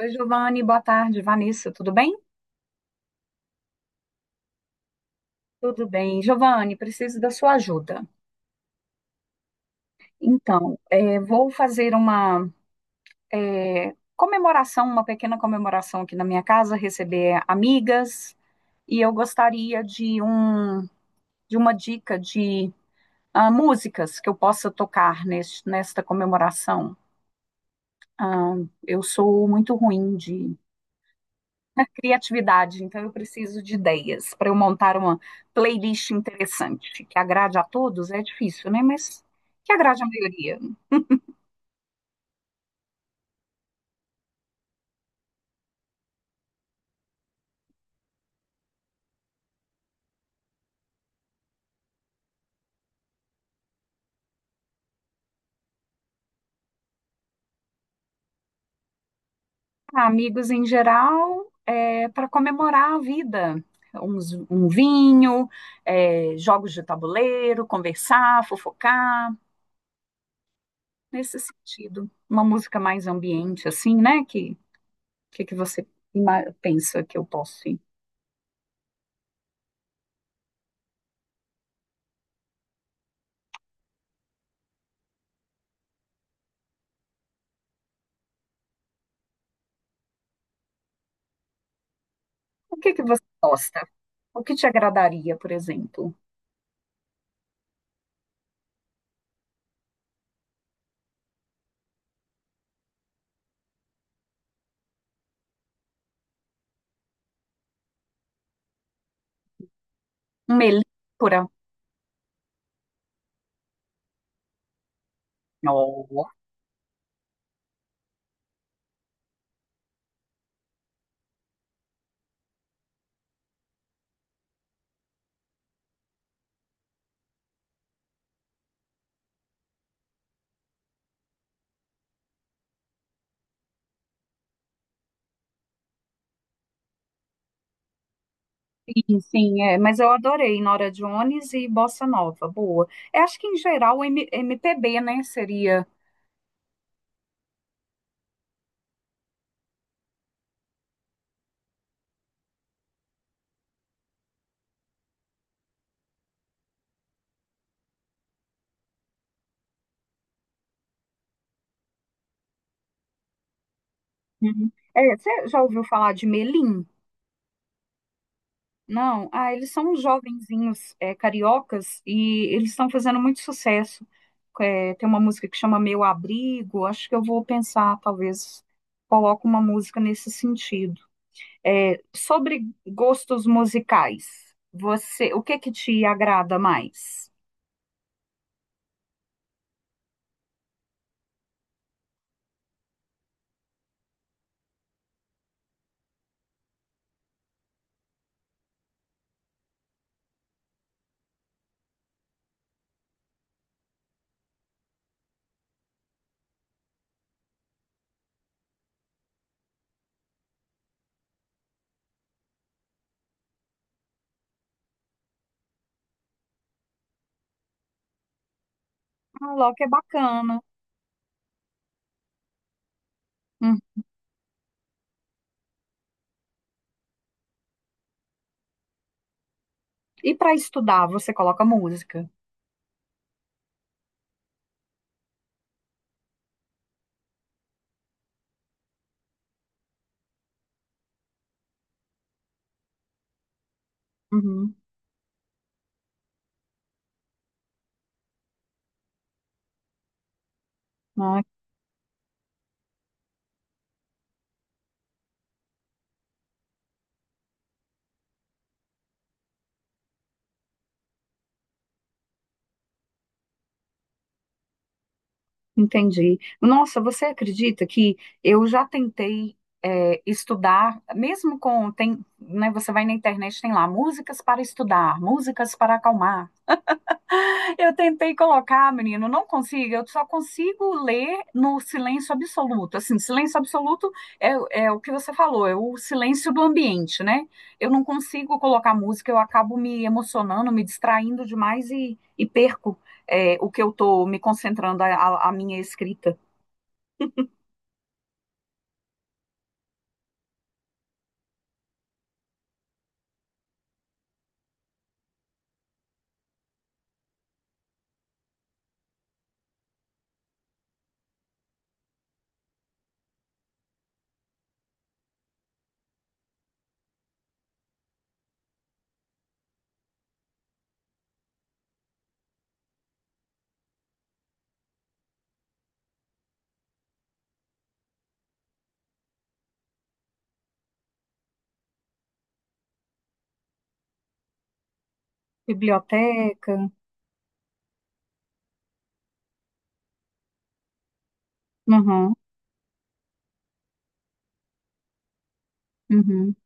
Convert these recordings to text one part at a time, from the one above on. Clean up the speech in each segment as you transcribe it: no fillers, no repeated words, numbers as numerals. Oi, Giovanni, boa tarde. Vanessa, tudo bem? Tudo bem. Giovanni, preciso da sua ajuda. Então, vou fazer uma comemoração, uma pequena comemoração aqui na minha casa, receber amigas, e eu gostaria de, de uma dica de músicas que eu possa tocar nesta comemoração. Ah, eu sou muito ruim de criatividade, então eu preciso de ideias para eu montar uma playlist interessante, que agrade a todos, é difícil, né? Mas que agrade a maioria. Ah, amigos em geral, é, para comemorar a vida. Um vinho, é, jogos de tabuleiro, conversar, fofocar, nesse sentido. Uma música mais ambiente, assim, né? Que você pensa que eu posso ir? O que, que você gosta? O que te agradaria, por exemplo? Uma melípora? Oh, sim, sim, é, mas eu adorei Nora Jones e Bossa Nova, boa. Eu acho que em geral M- MPB, né, seria. Uhum. É, você já ouviu falar de Melim? Não? Ah, eles são uns jovenzinhos, é, cariocas e eles estão fazendo muito sucesso. É, tem uma música que chama Meu Abrigo, acho que eu vou pensar, talvez coloque uma música nesse sentido. É, sobre gostos musicais, você, o que que te agrada mais? Ah, Loki é bacana. Hum. E para estudar, você coloca música? Uhum. Ah, entendi. Nossa, você acredita que eu já tentei, é, estudar, mesmo com, tem, né, você vai na internet, tem lá, músicas para estudar, músicas para acalmar. Eu tentei colocar, menino, não consigo. Eu só consigo ler no silêncio absoluto. Assim, silêncio absoluto é, é o que você falou, é o silêncio do ambiente, né? Eu não consigo colocar música, eu acabo me emocionando, me distraindo demais e perco, é, o que eu tô me concentrando, a minha escrita. Biblioteca. Uhum, uhum.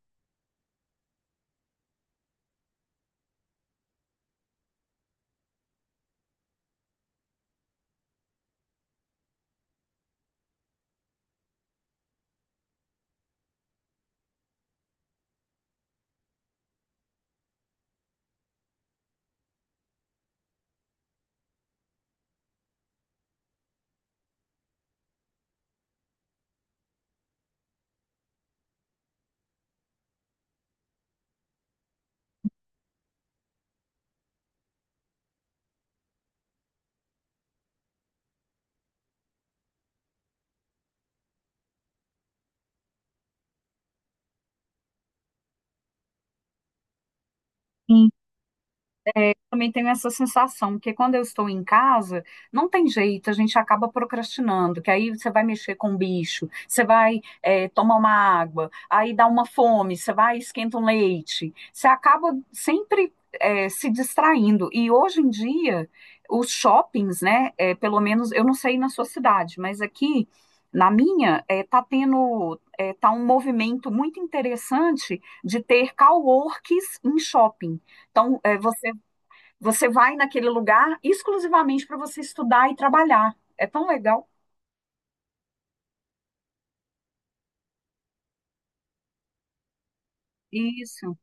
Também tenho essa sensação, porque quando eu estou em casa, não tem jeito, a gente acaba procrastinando, que aí você vai mexer com o bicho, você vai tomar uma água, aí dá uma fome, você vai e esquenta um leite, você acaba sempre se distraindo. E hoje em dia, os shoppings, né, eh, pelo menos, eu não sei na sua cidade, mas aqui na minha, eh, tá tendo, eh, tá um movimento muito interessante de ter coworks em shopping. Então, é, você vai naquele lugar exclusivamente para você estudar e trabalhar. É tão legal. Isso.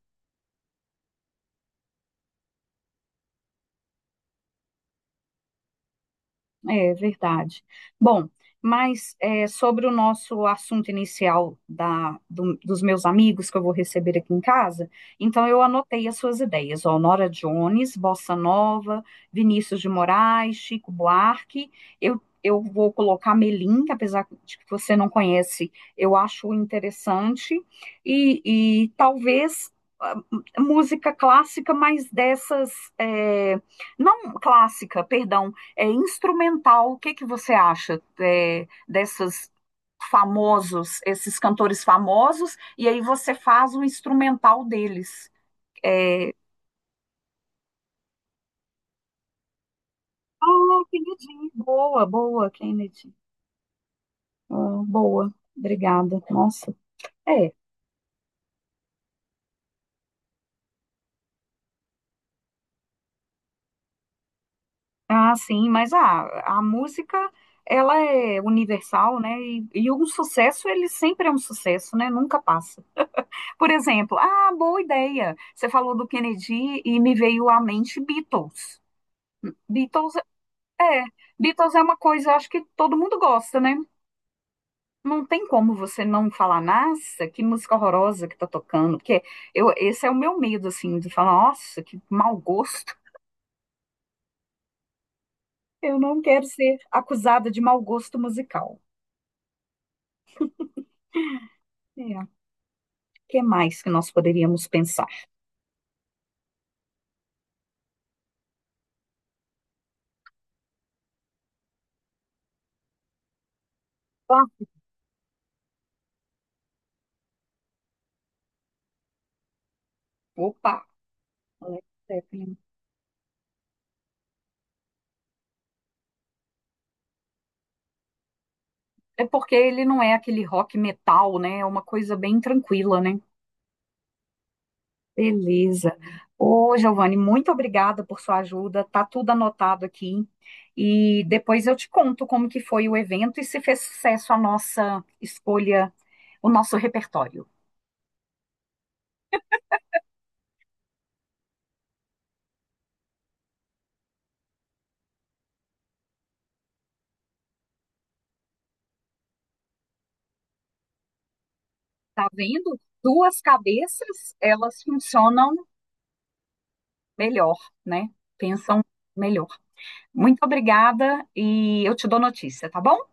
É verdade. Bom, mas é, sobre o nosso assunto inicial dos meus amigos que eu vou receber aqui em casa, então eu anotei as suas ideias, ó, Nora Jones, Bossa Nova, Vinícius de Moraes, Chico Buarque, eu vou colocar Melim, que apesar de que você não conhece, eu acho interessante, e talvez ah, música clássica, mas dessas, é, não clássica, perdão, é instrumental. O que que você acha, é, dessas famosos, esses cantores famosos, e aí você faz o instrumental deles? É, ah, Kennedy, boa, boa, Kennedy. Ah, boa, obrigada. Nossa. É. Ah, sim, mas a música, ela é universal, né? E um sucesso, ele sempre é um sucesso, né? Nunca passa. Por exemplo, ah, boa ideia. Você falou do Kennedy e me veio à mente Beatles. Beatles é, é, Beatles é uma coisa, acho que todo mundo gosta, né? Não tem como você não falar, nossa, que música horrorosa que tá tocando, porque eu, esse é o meu medo, assim, de falar, nossa, que mau gosto. Eu não quero ser acusada de mau gosto musical. É, o que mais que nós poderíamos pensar? Ah, opa, Led Zeppelin. É porque ele não é aquele rock metal, né? É uma coisa bem tranquila, né? Beleza. Ô, Giovanni, muito obrigada por sua ajuda. Tá tudo anotado aqui. E depois eu te conto como que foi o evento e se fez sucesso a nossa escolha, o nosso repertório. Tá vendo? Duas cabeças, elas funcionam melhor, né? Pensam melhor. Muito obrigada e eu te dou notícia, tá bom?